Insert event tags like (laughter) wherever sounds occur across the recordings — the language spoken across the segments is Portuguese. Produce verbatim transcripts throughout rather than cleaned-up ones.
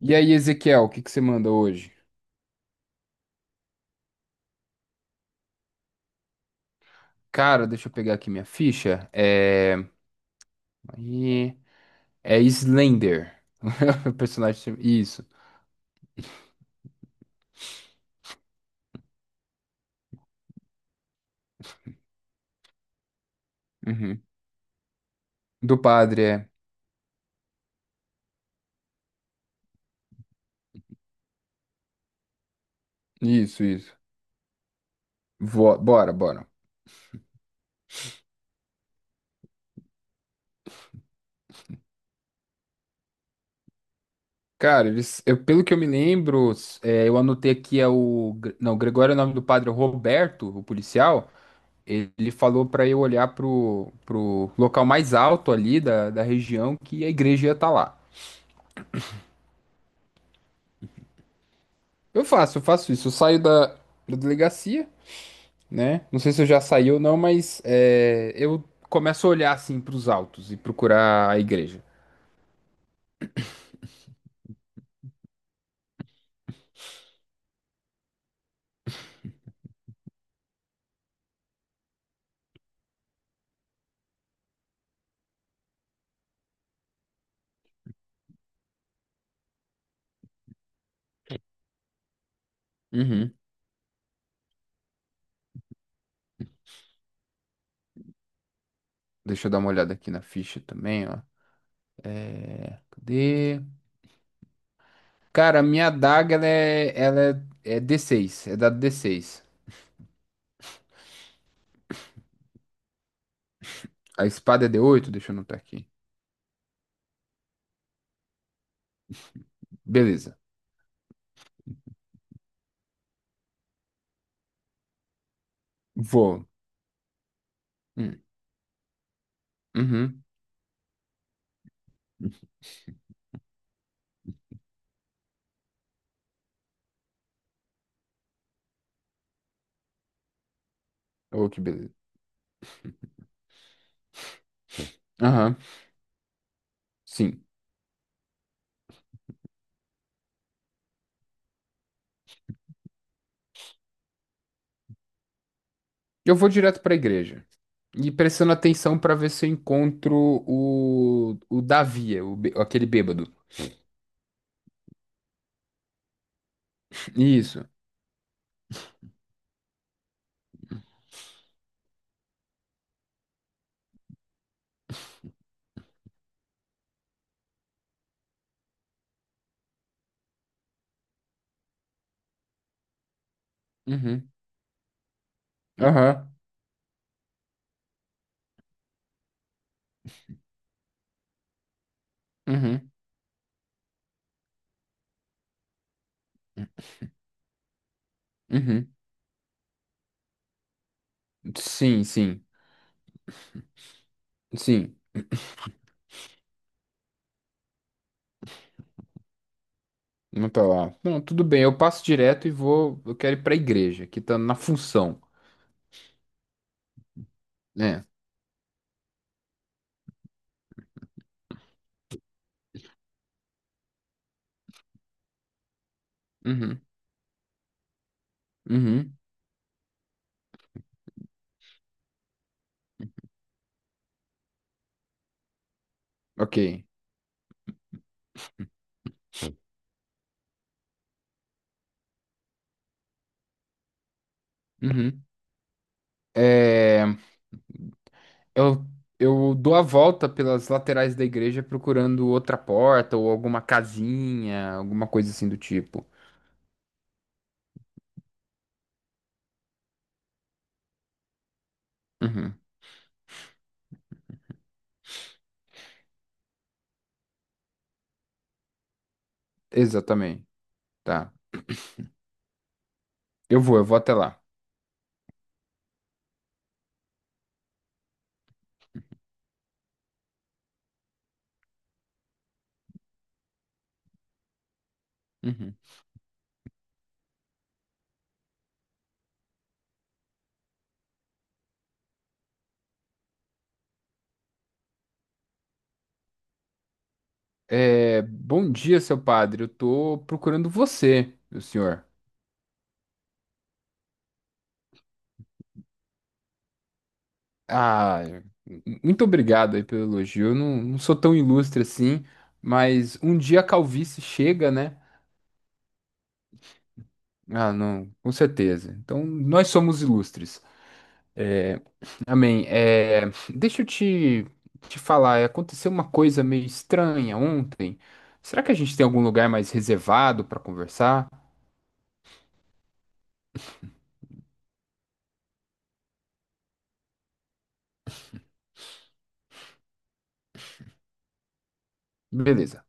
E aí, Ezequiel, o que que você manda hoje? Cara, deixa eu pegar aqui minha ficha. É. Aí, É Slender. (laughs) O personagem. se- Isso. Uhum. Do padre, é. Isso, isso. Vo- Bora, bora. Cara, eles... eu- pelo que eu me lembro, s- é, eu anotei aqui é o. Gre- Não, Gregório é o nome do padre, é Roberto, o policial. Ele ele falou pra eu olhar pro, pro local mais alto ali da, da região que a igreja ia estar lá. Eu faço, eu faço isso. Eu saio da da delegacia. Né? Não sei se eu já saí ou não, mas é, eu começo a olhar assim para os altos e procurar a igreja. Uhum. Deixa eu dar uma olhada aqui na ficha também, ó. Cadê? Cara, a minha adaga ela é, ela é, é d seis, é dado d seis. A espada é d oito. Deixa eu anotar aqui. Beleza. Vou. Hum. Uhum. Oh, que beleza. Aham. Sim. Eu vou direto para a igreja. E prestando atenção para ver se eu encontro o, o Davi, é o, bê- aquele bêbado. Isso. Uhum. Aham. Uhum. Uhum. Sim, sim. Sim. Não tá lá. Não, tudo bem. Eu passo direto e vou. Eu quero ir pra igreja, que tá na função. É. Uhum. Uhum. Ok. Uhum. É, eu, eu dou a volta pelas laterais da igreja procurando outra porta ou alguma casinha, alguma coisa assim do tipo. Uhum. Exatamente. Tá. Eu vou, eu vou até lá. Uhum. É, bom dia, seu padre. Eu tô procurando você, meu senhor. Ah, muito obrigado aí pelo elogio. Eu não, não sou tão ilustre assim, mas um dia a calvície chega, né? Ah, não, com certeza. Então, nós somos ilustres. É, Amém. É, deixa eu te, te falar, aconteceu uma coisa meio estranha ontem. Será que a gente tem algum lugar mais reservado para conversar? Beleza.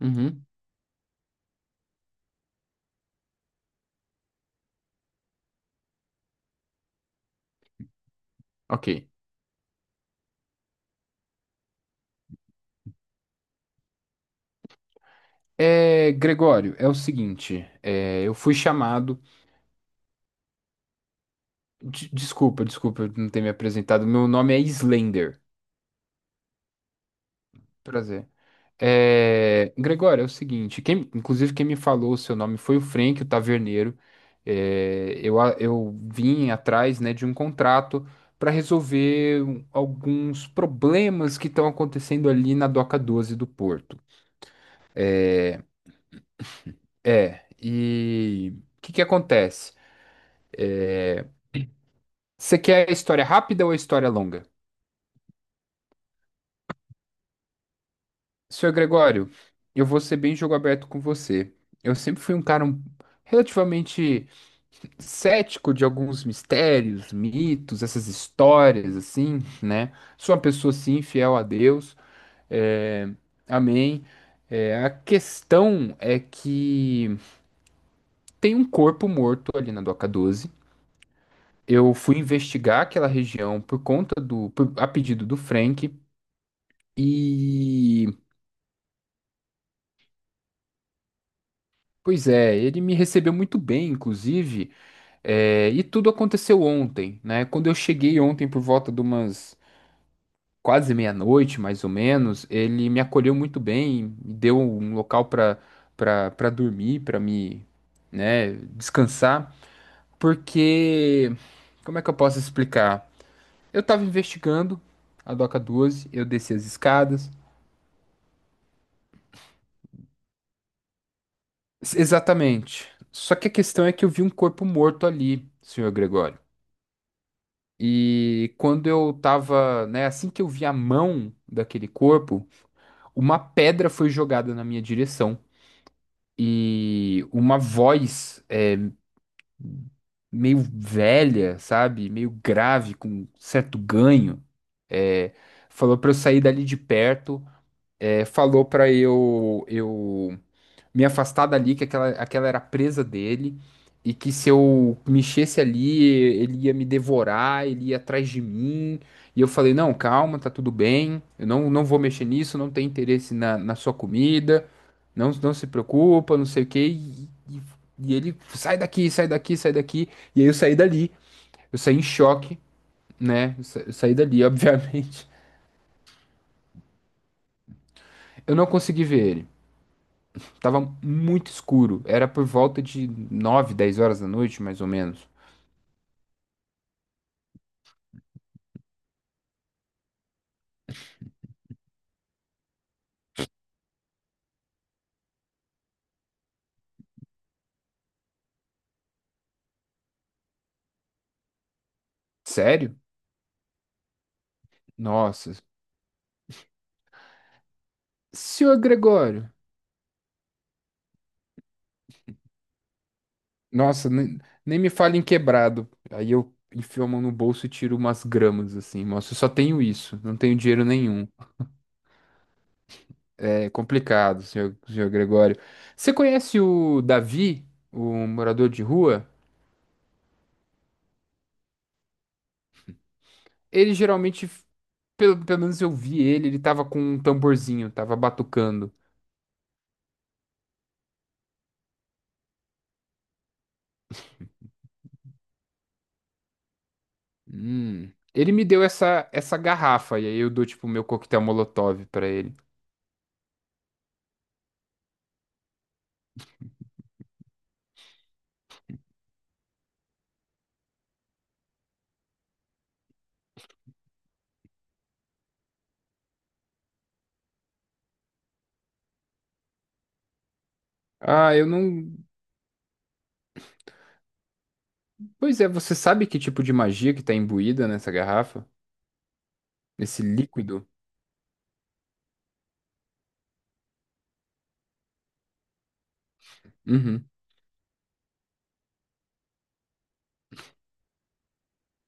Uhum, ok. É, Gregório, é o seguinte, é, eu fui chamado. De- Desculpa, desculpa eu não ter me apresentado. Meu nome é Slender. Prazer. É... Gregório, é o seguinte: quem, inclusive, quem me falou o seu nome foi o Frank, o taverneiro. É, Eu, a- eu vim atrás, né, de um contrato para resolver um- alguns problemas que estão acontecendo ali na Doca doze do Porto. É, e o que que acontece? Você quer a história rápida ou a história longa? Senhor Gregório, eu vou ser bem jogo aberto com você. Eu sempre fui um cara um- relativamente cético de alguns mistérios, mitos, essas histórias, assim, né? Sou uma pessoa, assim, fiel a Deus. é, Amém. É, a questão é que tem um corpo morto ali na Doca doze. Eu fui investigar aquela região por conta do... por- a pedido do Frank. E... Pois é, ele me recebeu muito bem, inclusive. É, e tudo aconteceu ontem, né? Quando eu cheguei ontem por volta de umas quase meia-noite, mais ou menos, ele me acolheu muito bem, me deu um local para para para dormir, para me, né, descansar, porque como é que eu posso explicar? Eu estava investigando a Doca doze, eu desci as escadas. Exatamente. Só que a questão é que eu vi um corpo morto ali, senhor Gregório. E quando eu tava, né, assim que eu vi a mão daquele corpo, uma pedra foi jogada na minha direção. E uma voz, é, meio velha, sabe? Meio grave, com certo ganho, é, falou pra eu sair dali de perto, é, falou pra eu, eu me afastar dali, que aquela, aquela era a presa dele, e que se eu mexesse ali, ele ia me devorar, ele ia atrás de mim. E eu falei: não, calma, tá tudo bem, eu não, não vou mexer nisso, não tenho interesse na, na sua comida, não, não se preocupa, não sei o quê. E, e- e ele: sai daqui, sai daqui, sai daqui! E aí eu saí dali, eu saí em choque, né? Eu sa- eu saí dali, (laughs) obviamente. Eu não consegui ver ele. Tava muito escuro. Era por volta de nove dez horas da noite, mais ou menos. Sério? Nossa. Senhor Gregório. Nossa, nem, nem me fale em quebrado. Aí eu enfio a mão no bolso e tiro umas gramas, assim. Nossa, eu só tenho isso. Não tenho dinheiro nenhum. É complicado, senhor, senhor Gregório. Você conhece o Davi, o morador de rua? Ele geralmente, pelo, pelo menos eu vi ele. Ele tava com um tamborzinho, tava batucando. Hum. Ele me deu essa, essa garrafa, e aí eu dou, tipo, o meu coquetel Molotov pra ele. Ah, eu não. Pois é, você sabe que tipo de magia que tá imbuída nessa garrafa? Nesse líquido? Uhum,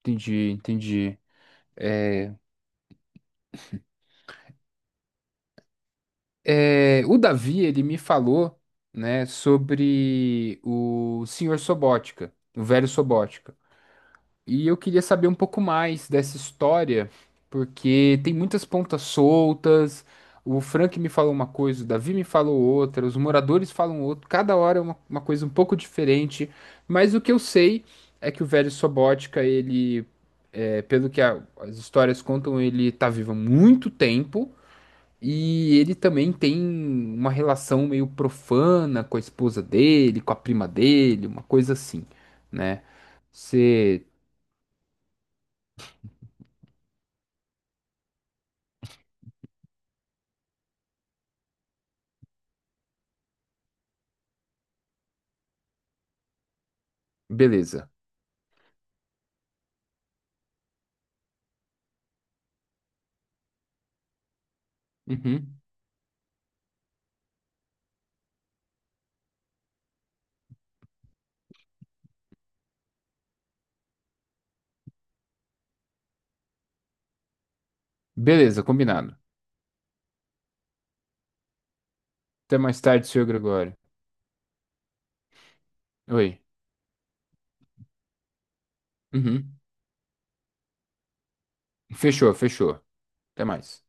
entendi, entendi. É, é, o Davi, ele me falou, né, sobre o senhor Sobótica, o velho Sobótica. E eu queria saber um pouco mais dessa história, porque tem muitas pontas soltas. O Frank me falou uma coisa, o Davi me falou outra, os moradores falam outra, cada hora é uma, uma coisa um pouco diferente. Mas o que eu sei é que o velho Sobótica, ele, é, pelo que a- as histórias contam, ele tá vivo há muito tempo. E ele também tem uma relação meio profana com a esposa dele, com a prima dele, uma coisa assim, né? Beleza. Uhum. Beleza, combinado. Até mais tarde, senhor Gregório. Oi. Uhum. Fechou, fechou. Até mais.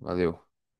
Valeu.